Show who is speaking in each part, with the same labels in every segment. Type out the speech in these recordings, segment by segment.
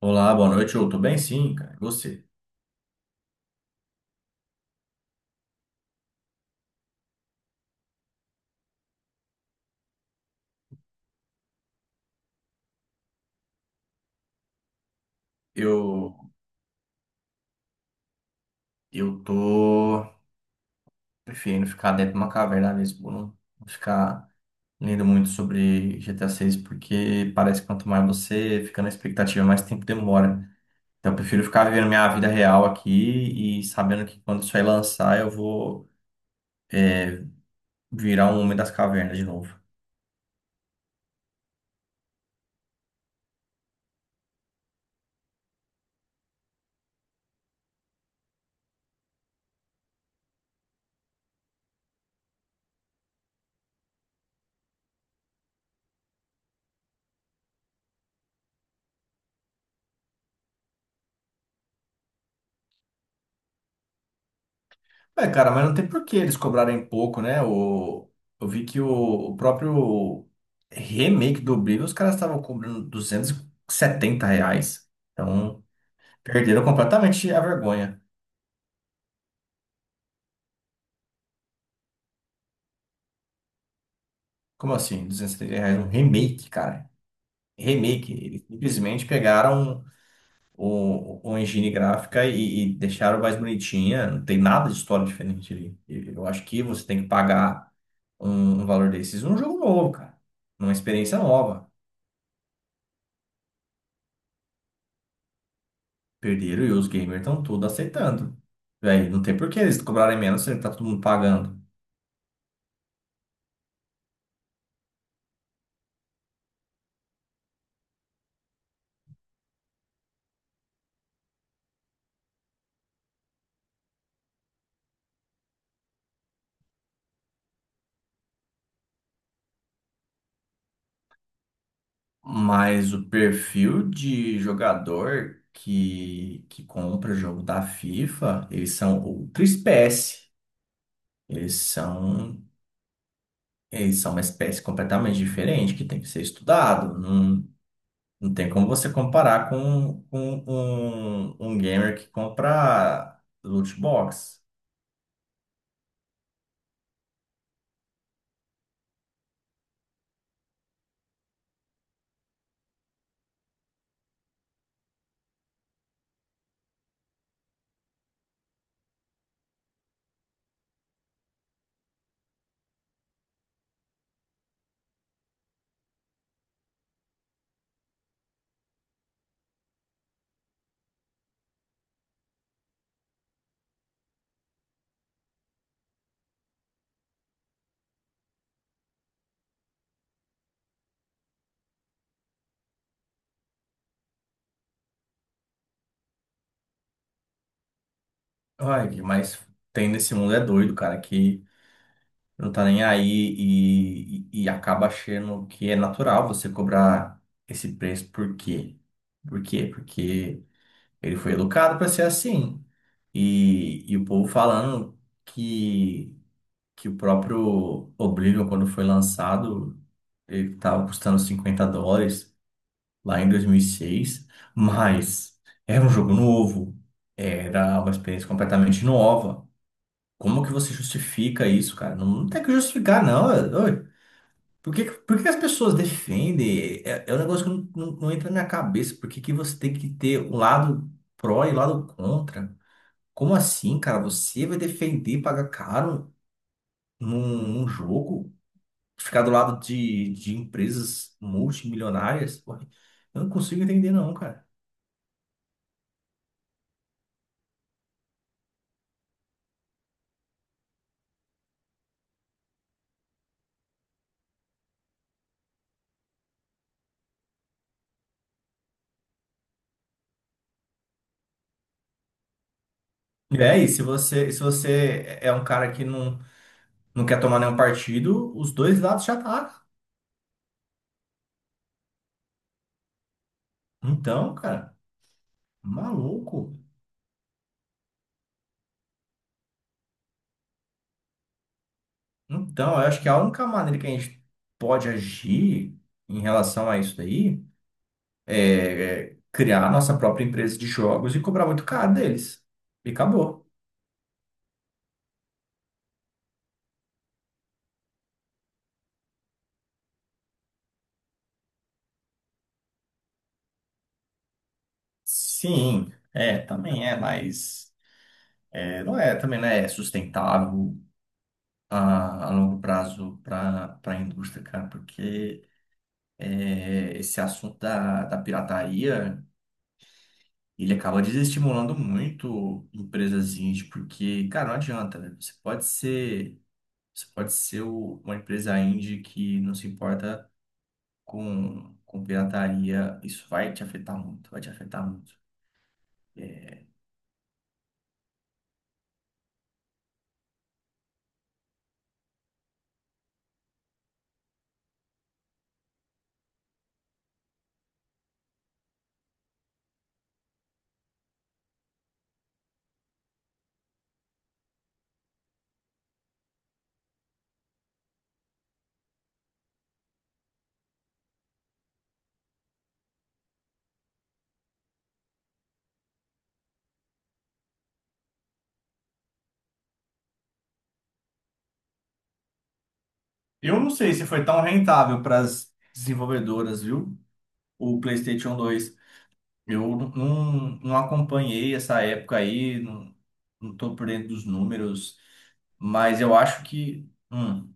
Speaker 1: Olá, boa noite. Eu tô bem, sim, cara. E você? Eu, eu tô preferindo ficar dentro de uma caverna mesmo, não ficar lendo muito sobre GTA 6, porque parece que quanto mais você fica na expectativa, mais tempo demora. Então, eu prefiro ficar vivendo minha vida real aqui e sabendo que quando isso aí lançar, eu vou, é, virar um homem das cavernas de novo. É, cara, mas não tem por que eles cobrarem pouco, né? Eu vi que o próprio remake do Oblivion, os caras estavam cobrando 270 reais. Então, perderam completamente a vergonha. Como assim? 270 reais um remake, cara. Remake. Eles simplesmente pegaram o engine gráfica e deixaram mais bonitinha. Não tem nada de história diferente ali. E eu acho que você tem que pagar um valor desses num jogo novo, cara. Numa experiência nova. Perderam e os gamers estão tudo aceitando. Véi, não tem por que eles cobrarem menos se tá todo mundo pagando. Mas o perfil de jogador que compra jogo da FIFA, eles são outra espécie. Eles são, eles são uma espécie completamente diferente que tem que ser estudado. Não, não tem como você comparar com um gamer que compra loot box. Olha, mas tem nesse mundo é doido, cara, que não tá nem aí e acaba achando que é natural você cobrar esse preço. Por quê? Por quê? Porque ele foi educado para ser assim. E o povo falando que, que o próprio Oblivion, quando foi lançado, ele estava custando US$ 50 lá em 2006, mas era um jogo novo, era uma experiência completamente nova. Como que você justifica isso, cara? Não, não tem que justificar, não. Por que que as pessoas defendem? É, é um negócio que não entra na minha cabeça. Por que que você tem que ter um lado pró e um lado contra? Como assim, cara? Você vai defender pagar caro num jogo? Ficar do lado de empresas multimilionárias? Pô, eu não consigo entender, não, cara. É, e aí, se você é um cara que não, não quer tomar nenhum partido, os dois lados já tá. Então, cara, maluco. Então, eu acho que a única maneira que a gente pode agir em relação a isso daí é criar a nossa própria empresa de jogos e cobrar muito caro deles. E acabou. Sim, é, também é, mas é, não é, também não é sustentável a longo prazo para a indústria, cara, porque é, esse assunto da pirataria, ele acaba desestimulando muito empresas indie, porque, cara, não adianta, né? Você pode ser uma empresa indie que não se importa com pirataria. Isso vai te afetar muito, vai te afetar muito. É. Eu não sei se foi tão rentável para as desenvolvedoras, viu? O PlayStation dois, eu não acompanhei essa época aí, não, não tô por dentro dos números, mas eu acho que,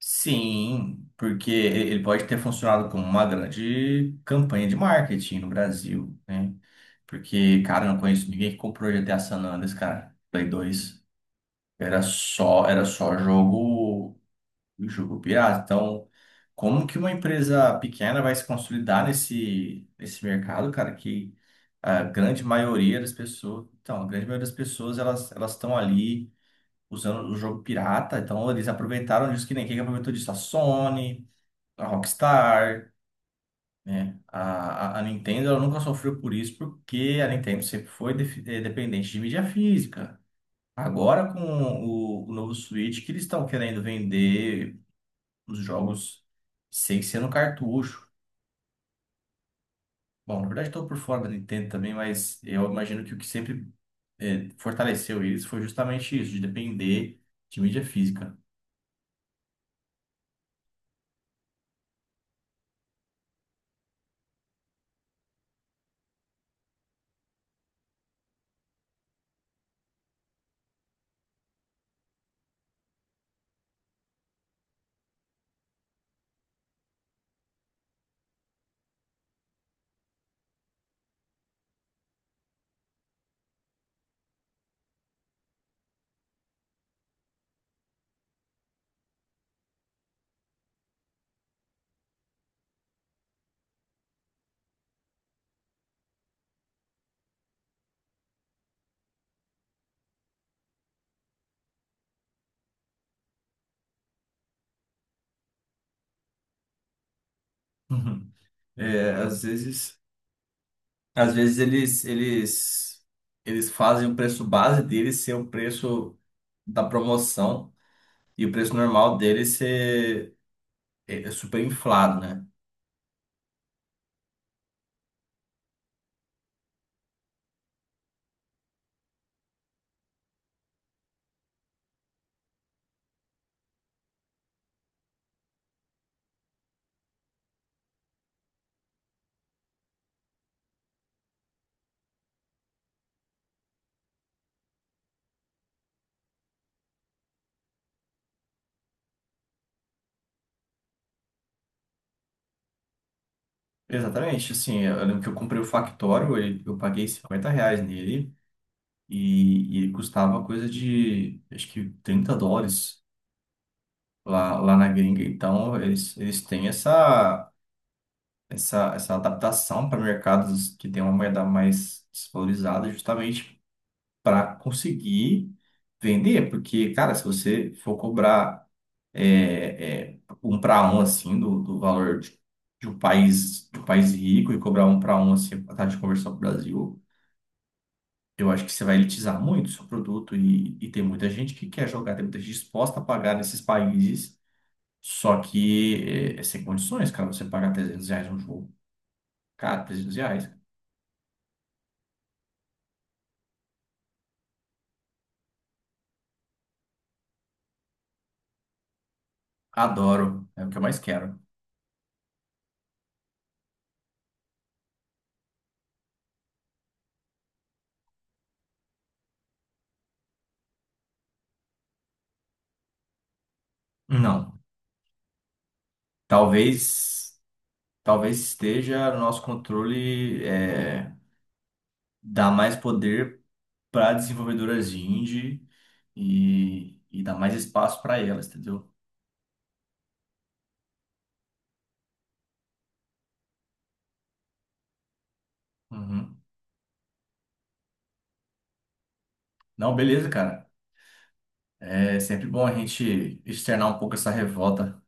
Speaker 1: sim, porque ele pode ter funcionado como uma grande campanha de marketing no Brasil, né? Porque, cara, eu não conheço ninguém que comprou GTA San Andreas, cara. Play 2 era só jogo, jogo pirata. Então, como que uma empresa pequena vai se consolidar nesse, nesse mercado, cara, que a grande maioria das pessoas, então, a grande maioria das pessoas, elas estão ali usando o jogo pirata. Então, eles aproveitaram disso que nem quem que aproveitou disso, a Sony, a Rockstar, né? A Nintendo ela nunca sofreu por isso, porque a Nintendo sempre foi dependente de mídia física. Agora, com o novo Switch, que eles estão querendo vender os jogos sem ser no cartucho. Bom, na verdade, estou por fora da Nintendo também, mas eu imagino que o que sempre fortaleceu eles foi justamente isso, de depender de mídia física. É, às vezes eles fazem o preço base deles ser o preço da promoção e o preço normal dele ser é, é super inflado, né? Exatamente, assim, eu lembro que eu comprei o Factório, eu paguei R$ 50 nele e ele custava coisa de, acho que US$ 30 lá, lá na gringa. Então, eles têm essa adaptação para mercados que tem uma moeda mais desvalorizada justamente para conseguir vender, porque, cara, se você for cobrar é, é, um para um assim do valor de um país rico e cobrar um para um assim a taxa de conversão para o Brasil, eu acho que você vai elitizar muito o seu produto e tem muita gente que quer jogar, tem muita gente disposta a pagar nesses países, só que é, é sem condições, cara, você pagar 300 reais um jogo. Cara, 300 reais. Adoro, é o que eu mais quero. Não, talvez... Talvez esteja no nosso controle é, dar mais poder para desenvolvedoras indie e dar mais espaço para elas, entendeu? Uhum. Não, beleza, cara. É sempre bom a gente externar um pouco essa revolta.